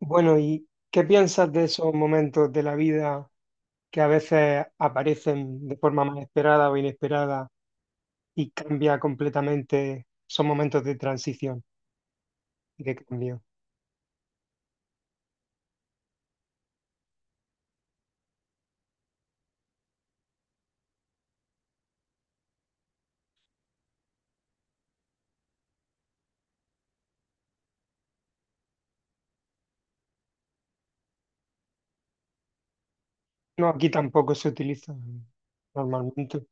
Bueno, ¿y qué piensas de esos momentos de la vida que a veces aparecen de forma más esperada o inesperada y cambia completamente? Son momentos de transición y de cambio. No, aquí tampoco se utiliza normalmente.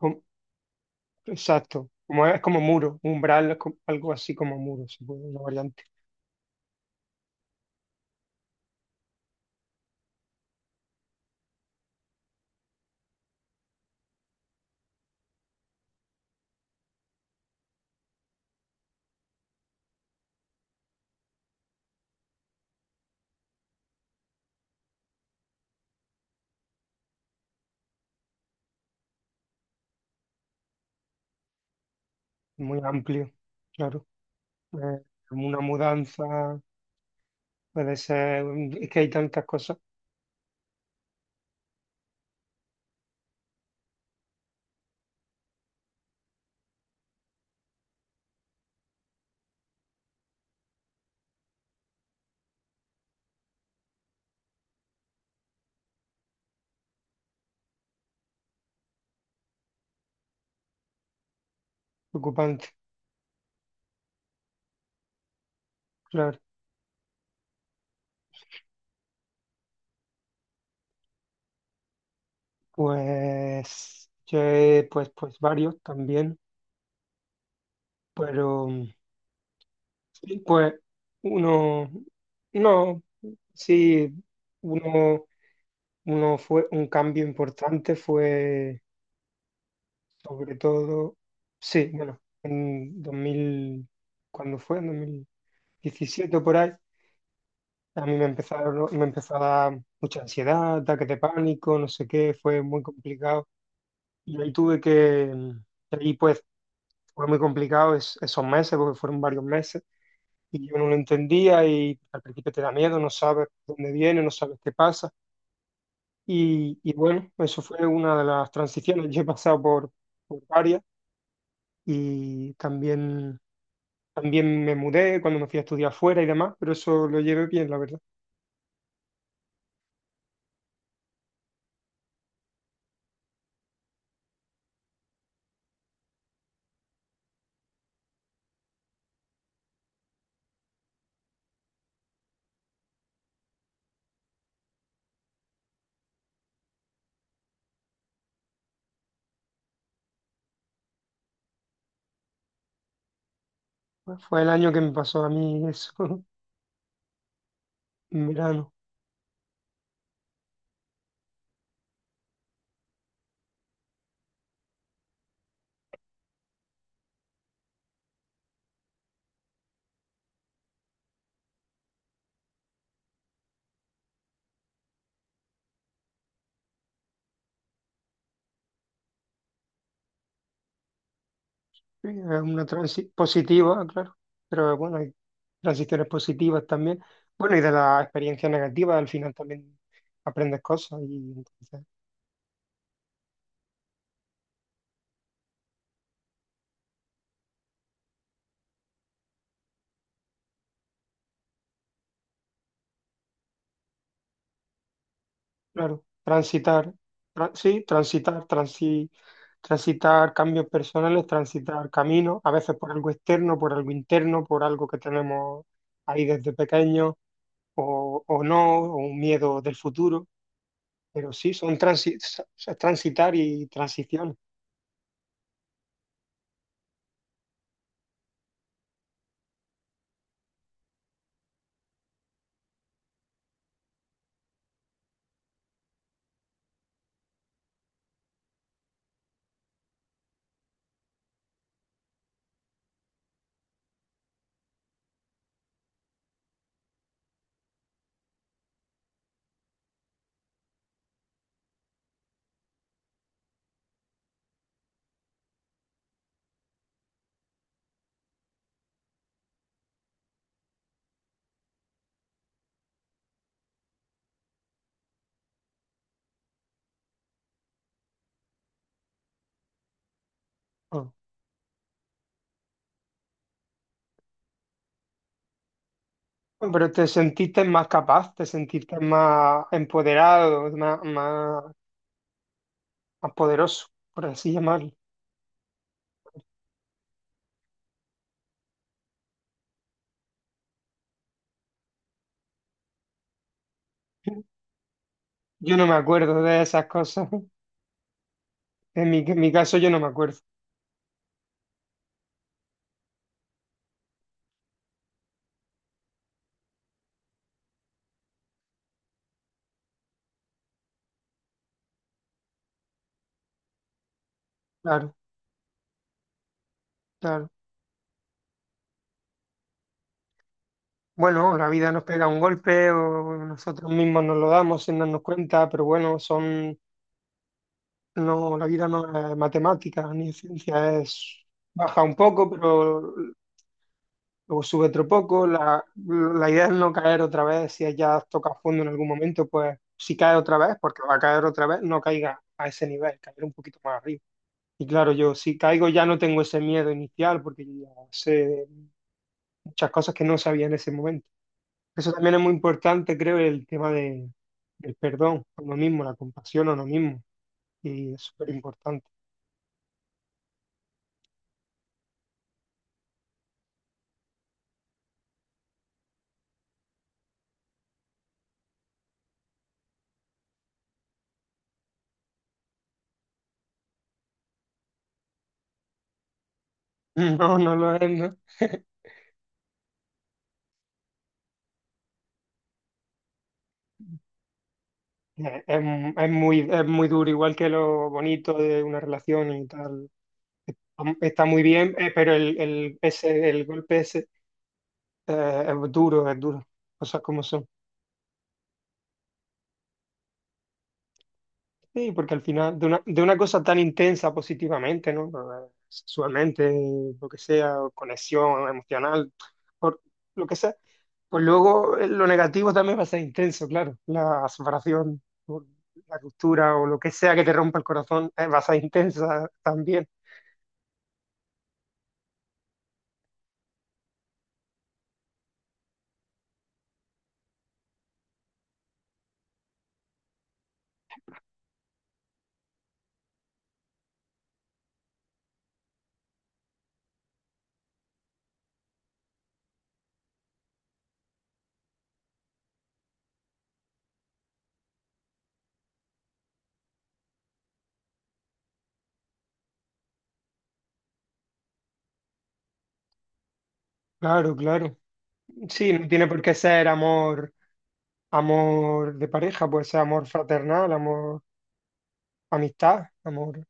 Com- Exacto, como es como muro, umbral, es algo así como muro, se puede una variante muy amplio, claro. Eh, una mudanza, puede ser, es que hay tantas cosas preocupantes, claro. Pues, che, pues varios también, pero sí, pues uno, no, sí, uno, uno fue un cambio importante fue sobre todo, sí, bueno, en 2000 ¿cuándo fue? En 2017, por ahí. A mí me empezaron, me empezó a dar mucha ansiedad, ataques de pánico, no sé qué, fue muy complicado. Y ahí tuve que, ahí pues fue muy complicado esos meses, porque fueron varios meses, y yo no lo entendía, y al principio te da miedo, no sabes dónde viene, no sabes qué pasa. Y bueno, eso fue una de las transiciones. Yo he pasado por varias, y también, también me mudé cuando me fui a estudiar fuera y demás, pero eso lo llevé bien, la verdad. Fue el año que me pasó a mí eso, en verano. Sí, es una transición positiva, claro, pero bueno, hay transiciones positivas también. Bueno, y de la experiencia negativa al final también aprendes cosas y entonces, claro, transitar, sí, transitar, transitar cambios personales, transitar caminos, a veces por algo externo, por algo interno, por algo que tenemos ahí desde pequeño o no, o un miedo del futuro, pero sí, son transitar y transiciones. Ah. Pero te sentiste más capaz, te sentiste más empoderado, más poderoso, por así llamarlo. Yo no me acuerdo de esas cosas. En mi caso yo no me acuerdo. Claro, claro. Bueno, la vida nos pega un golpe o nosotros mismos nos lo damos sin darnos cuenta, pero bueno, son, no, la vida no es matemática ni es ciencia, es baja un poco, pero luego sube otro poco. La idea es no caer otra vez. Si ya has tocado fondo en algún momento, pues si cae otra vez, porque va a caer otra vez, no caiga a ese nivel, caer un poquito más arriba. Y claro, yo si caigo ya no tengo ese miedo inicial porque yo ya sé muchas cosas que no sabía en ese momento. Eso también es muy importante, creo, el tema de, del perdón a uno mismo, la compasión a uno mismo. Y es súper importante. No, no lo es, ¿no? Es, es muy duro, igual que lo bonito de una relación y tal. Está muy bien, pero el golpe ese, es duro, es duro. Cosas como son. Sí, porque al final, de una, cosa tan intensa positivamente, ¿no? Sexualmente, lo que sea, o conexión emocional, por lo que sea. Pues luego lo negativo también va a ser intenso, claro. La separación, o la ruptura o lo que sea que te rompa el corazón, va a ser intensa también. Claro, claro. Sí, no tiene por qué ser amor. Amor de pareja, puede ser amor fraternal, amor, amistad, amor.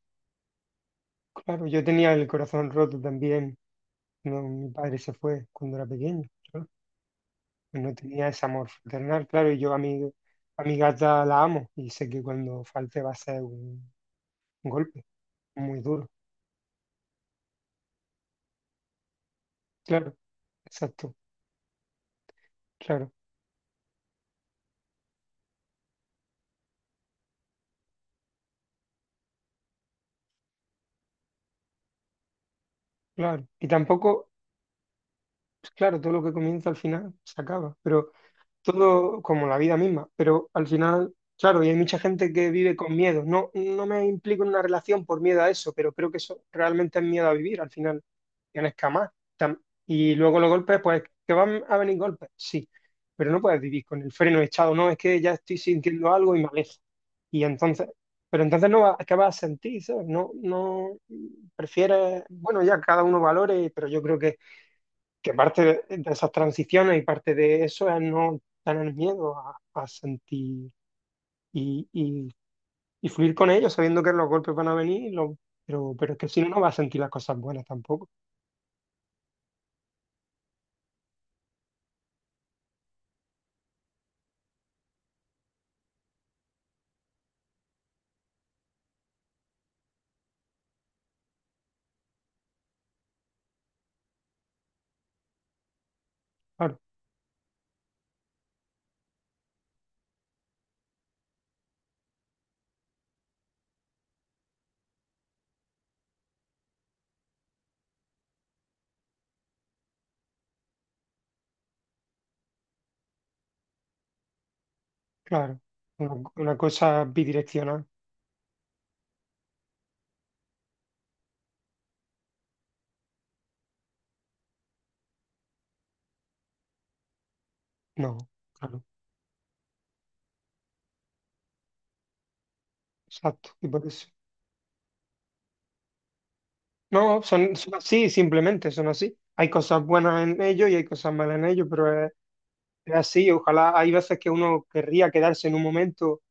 Claro, yo tenía el corazón roto también. No, mi padre se fue cuando era pequeño. Yo no tenía ese amor fraternal, claro, y yo a mi gata la amo y sé que cuando falte va a ser un golpe muy duro. Claro, exacto, claro, claro. Y tampoco, pues claro, todo lo que comienza al final se acaba, pero todo como la vida misma, pero al final, claro, y hay mucha gente que vive con miedo. No, no me implico en una relación por miedo a eso, pero creo que eso realmente es miedo a vivir. Al final tienes que amar. Tam- Y luego los golpes, pues que van a venir golpes, sí, pero no puedes vivir con el freno echado, no, es que ya estoy sintiendo algo y me alejo. Y entonces, pero entonces no vas, ¿qué vas a sentir? ¿Sabes? No, no, prefieres, bueno, ya cada uno valore, pero yo creo que parte de esas transiciones y parte de eso es no tener miedo a sentir y, y- y fluir con ellos, sabiendo que los golpes van a venir, pero es que si no, no vas a sentir las cosas buenas tampoco. Claro, claro. Una cosa bidireccional, no, claro, exacto. Y por eso. No, son así, simplemente son así. Hay cosas buenas en ellos y hay cosas malas en ellos, pero es así. Ojalá hay veces que uno querría quedarse en un momento.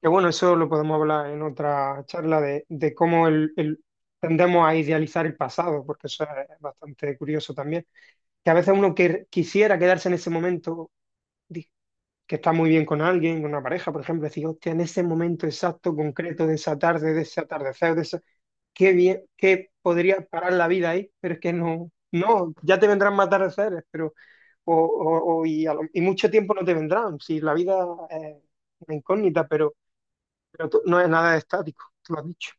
Que bueno, eso lo podemos hablar en otra charla de cómo tendemos a idealizar el pasado, porque eso es bastante curioso también. Que a veces uno que, quisiera quedarse en ese momento, di- que está muy bien con alguien, con una pareja, por ejemplo, decir, hostia, en ese momento exacto, concreto de esa tarde, de ese atardecer, de esa, qué bien, que podría parar la vida ahí, pero es que no, no, ya te vendrán más atardeceres, pero, y, y mucho tiempo no te vendrán, si la vida es una incógnita, pero no es nada estático, tú lo has dicho.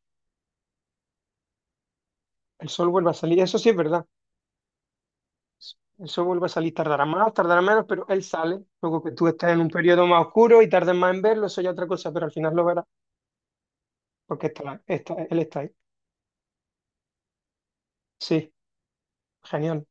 El sol vuelve a salir, eso sí es verdad. El sol vuelve a salir, tardará más, tardará menos, pero él sale. Luego que tú estés en un periodo más oscuro y tardes más en verlo, eso ya es otra cosa, pero al final lo verás, porque él está ahí. Sí, genial.